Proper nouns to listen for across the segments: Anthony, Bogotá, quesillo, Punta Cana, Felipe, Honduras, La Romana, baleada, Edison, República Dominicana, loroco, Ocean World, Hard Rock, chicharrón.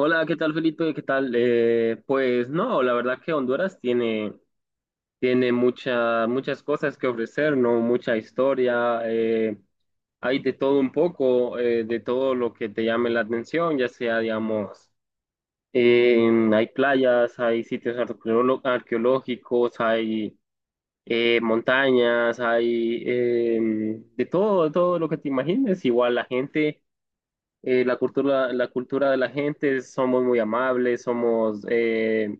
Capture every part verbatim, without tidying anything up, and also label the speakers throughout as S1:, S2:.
S1: Hola, ¿qué tal Felipe? ¿Qué tal? Eh, pues no, la verdad que Honduras tiene, tiene mucha, muchas cosas que ofrecer, ¿no? Mucha historia, eh, hay de todo un poco, eh, de todo lo que te llame la atención, ya sea, digamos, eh, hay playas, hay sitios arqueolo- arqueológicos, hay eh, montañas, hay eh, de todo, de todo lo que te imagines. Igual la gente, eh, la cultura, la cultura de la gente, somos muy amables, somos eh,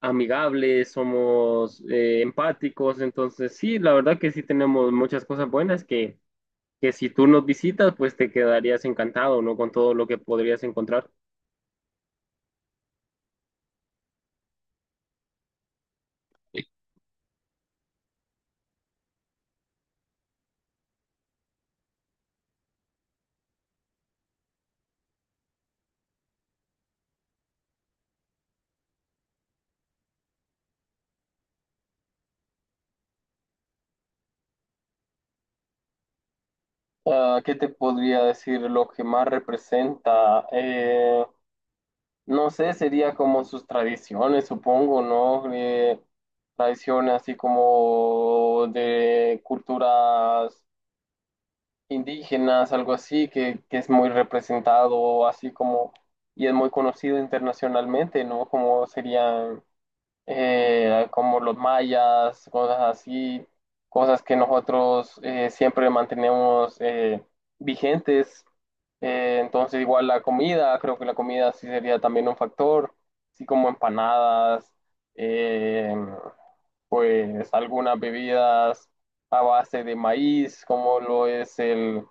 S1: amigables, somos eh, empáticos, entonces sí, la verdad que sí tenemos muchas cosas buenas que, que si tú nos visitas, pues te quedarías encantado, ¿no? Con todo lo que podrías encontrar. Ah, ¿qué te podría decir lo que más representa? Eh, no sé, sería como sus tradiciones, supongo, ¿no? Eh, tradiciones así como de culturas indígenas, algo así, que, que es muy representado, así como, y es muy conocido internacionalmente, ¿no? Como serían, eh, como los mayas, cosas así, cosas que nosotros eh, siempre mantenemos eh, vigentes. Eh, entonces, igual la comida, creo que la comida sí sería también un factor, así como empanadas, eh, pues algunas bebidas a base de maíz, como lo es el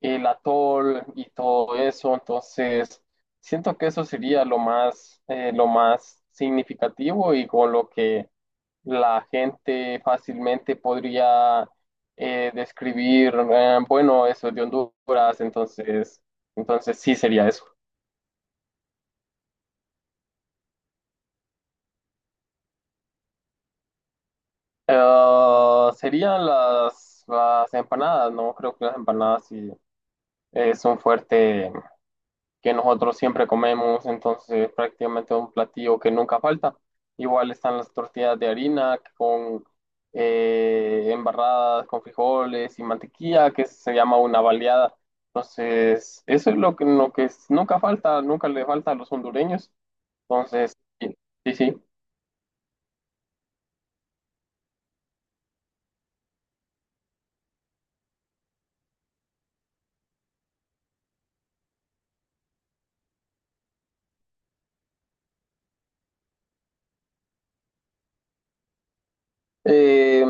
S1: el atol y todo eso. Entonces, siento que eso sería lo más, eh, lo más significativo y con lo que la gente fácilmente podría eh, describir, eh, bueno, eso es de Honduras, entonces, entonces sí sería eso. Eh, serían las, las empanadas, ¿no? Creo que las empanadas sí es un fuerte que nosotros siempre comemos, entonces prácticamente es un platillo que nunca falta. Igual están las tortillas de harina con eh, embarradas, con frijoles y mantequilla, que se llama una baleada. Entonces, eso es lo que, lo que es- nunca falta, nunca le falta a los hondureños. Entonces, sí, sí. Sí. Eh,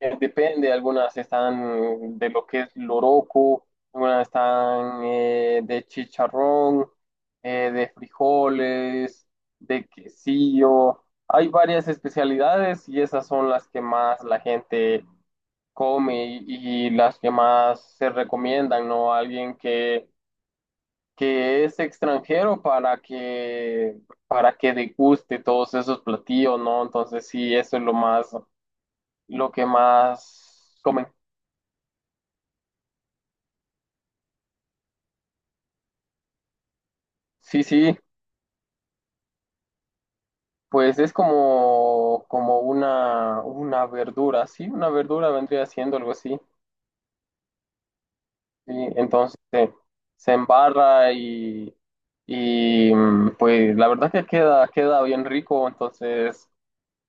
S1: eh, Depende, algunas están de lo que es loroco, algunas están eh, de chicharrón, eh, de frijoles, de quesillo. Hay varias especialidades y esas son las que más la gente come y, y las que más se recomiendan, ¿no? Alguien que, que es extranjero para que, para que deguste todos esos platillos, ¿no? Entonces sí, eso es lo más, lo que más comen. Sí, sí, pues es como, como una, una verdura, sí, una verdura vendría siendo algo así. Sí, entonces eh, se embarra y, y mm, pues la verdad que queda, queda bien rico, entonces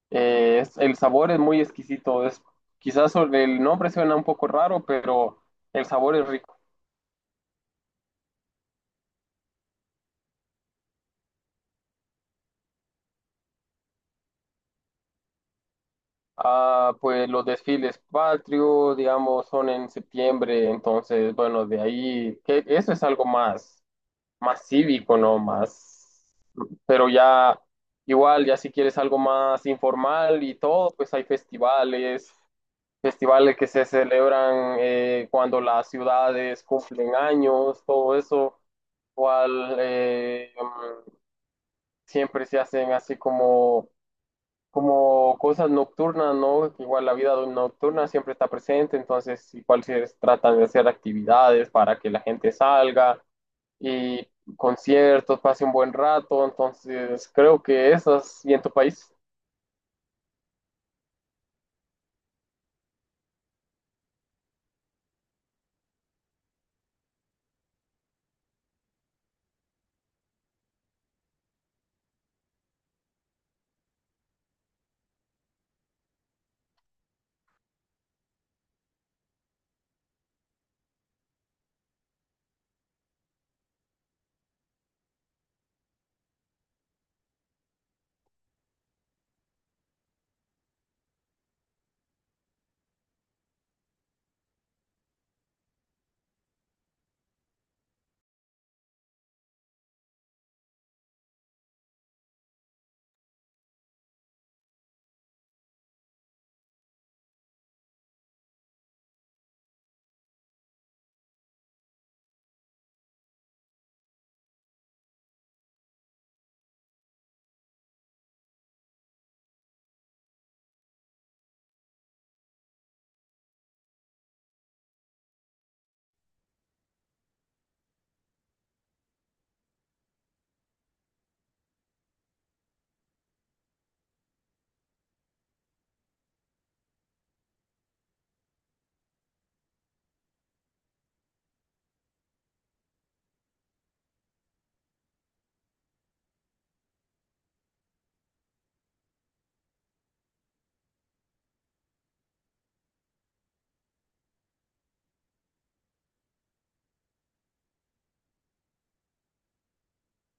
S1: eh, es- el sabor es muy exquisito, es, quizás sobre el nombre suena un poco raro, pero el sabor es rico. Ah, pues los desfiles patrios, digamos, son en septiembre, entonces, bueno, de ahí, que eso es algo más, más cívico, ¿no? Más, pero ya, igual, ya si quieres algo más informal y todo, pues hay festivales, festivales que se celebran eh, cuando las ciudades cumplen años, todo eso, cual eh, mm, siempre se hacen así como como cosas nocturnas, ¿no? Que igual la vida nocturna siempre está presente, entonces igual se tratan de hacer actividades para que la gente salga y conciertos, pase un buen rato, entonces creo que esas, ¿y en tu país?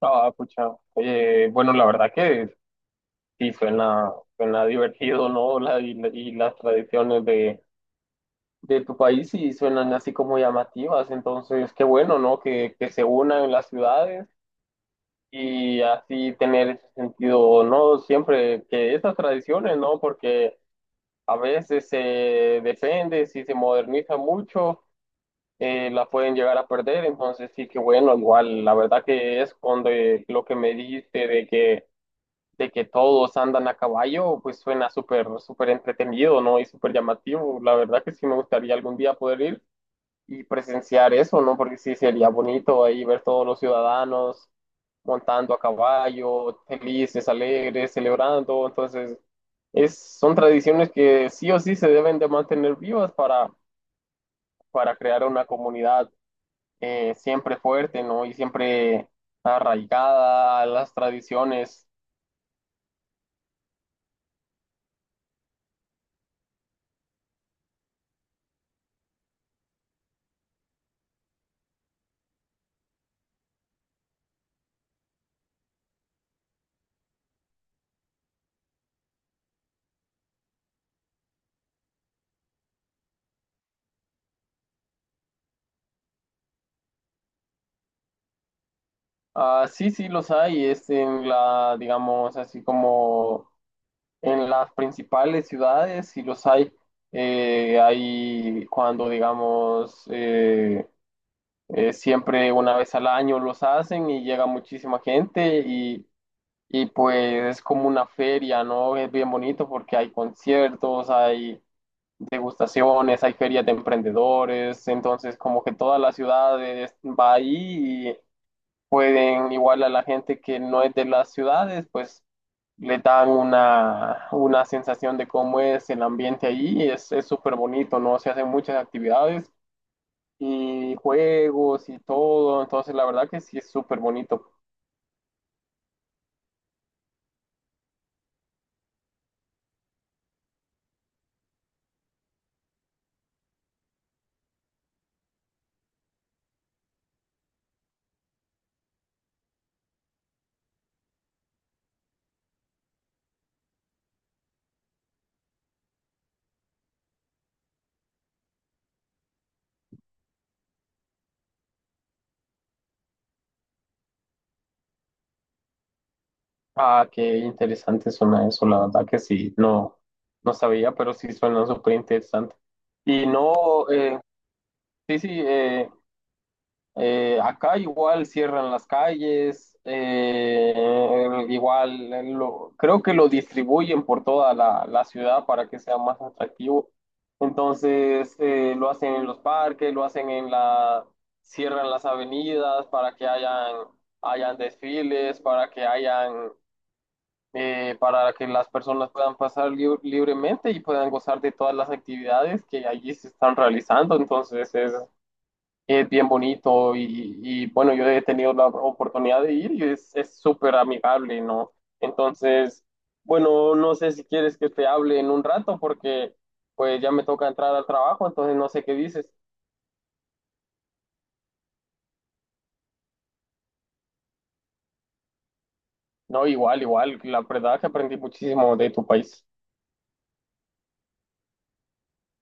S1: Ah, pucha. Eh, bueno, la verdad que sí suena, suena divertido, ¿no? La, y, y las tradiciones de, de tu país sí suenan así como llamativas. Entonces, qué bueno, ¿no? Que, que se unan las ciudades y así tener ese sentido, ¿no? Siempre que esas tradiciones, ¿no? Porque a veces se defiende, si se moderniza mucho, eh, la pueden llegar a perder, entonces sí que bueno, igual, la verdad que es cuando eh, lo que me dijiste de que, de que todos andan a caballo, pues suena súper, súper entretenido, ¿no? Y súper llamativo, la verdad que sí me gustaría algún día poder ir y presenciar eso, ¿no? Porque sí sería bonito ahí ver todos los ciudadanos montando a caballo, felices, alegres, celebrando. Entonces, es, son tradiciones que sí o sí se deben de mantener vivas para, para crear una comunidad eh, siempre fuerte, ¿no? Y siempre arraigada a las tradiciones. Ah, sí, sí, los hay. Es en la, digamos, así como en las principales ciudades, sí los hay. Eh, hay cuando, digamos, eh, eh, siempre una vez al año los hacen y llega muchísima gente y, y pues es como una feria, ¿no? Es bien bonito porque hay conciertos, hay degustaciones, hay ferias de emprendedores, entonces como que toda la ciudad es- va ahí, pueden igual a la gente que no es de las ciudades, pues le dan una, una sensación de cómo es el ambiente allí y es, es súper bonito, ¿no? Se hacen muchas actividades y juegos y todo, entonces la verdad que sí es súper bonito. Ah, qué interesante suena eso, la verdad que sí, no, no sabía, pero sí suena súper interesante. Y no, eh, sí, sí, eh, Eh, acá igual cierran las calles, eh, igual eh, lo- creo que lo distribuyen por toda la, la ciudad para que sea más atractivo. Entonces eh, lo hacen en los parques, lo hacen en la, cierran las avenidas para que hayan, hayan desfiles, para que hayan, eh, para que las personas puedan pasar lib- libremente y puedan gozar de todas las actividades que allí se están realizando. Entonces es es bien bonito y, y, bueno, yo he tenido la oportunidad de ir y es, es súper amigable, ¿no? Entonces, bueno, no sé si quieres que te hable en un rato porque pues ya me toca entrar al trabajo, entonces no sé qué dices. No, igual, igual, la verdad que aprendí muchísimo de tu país.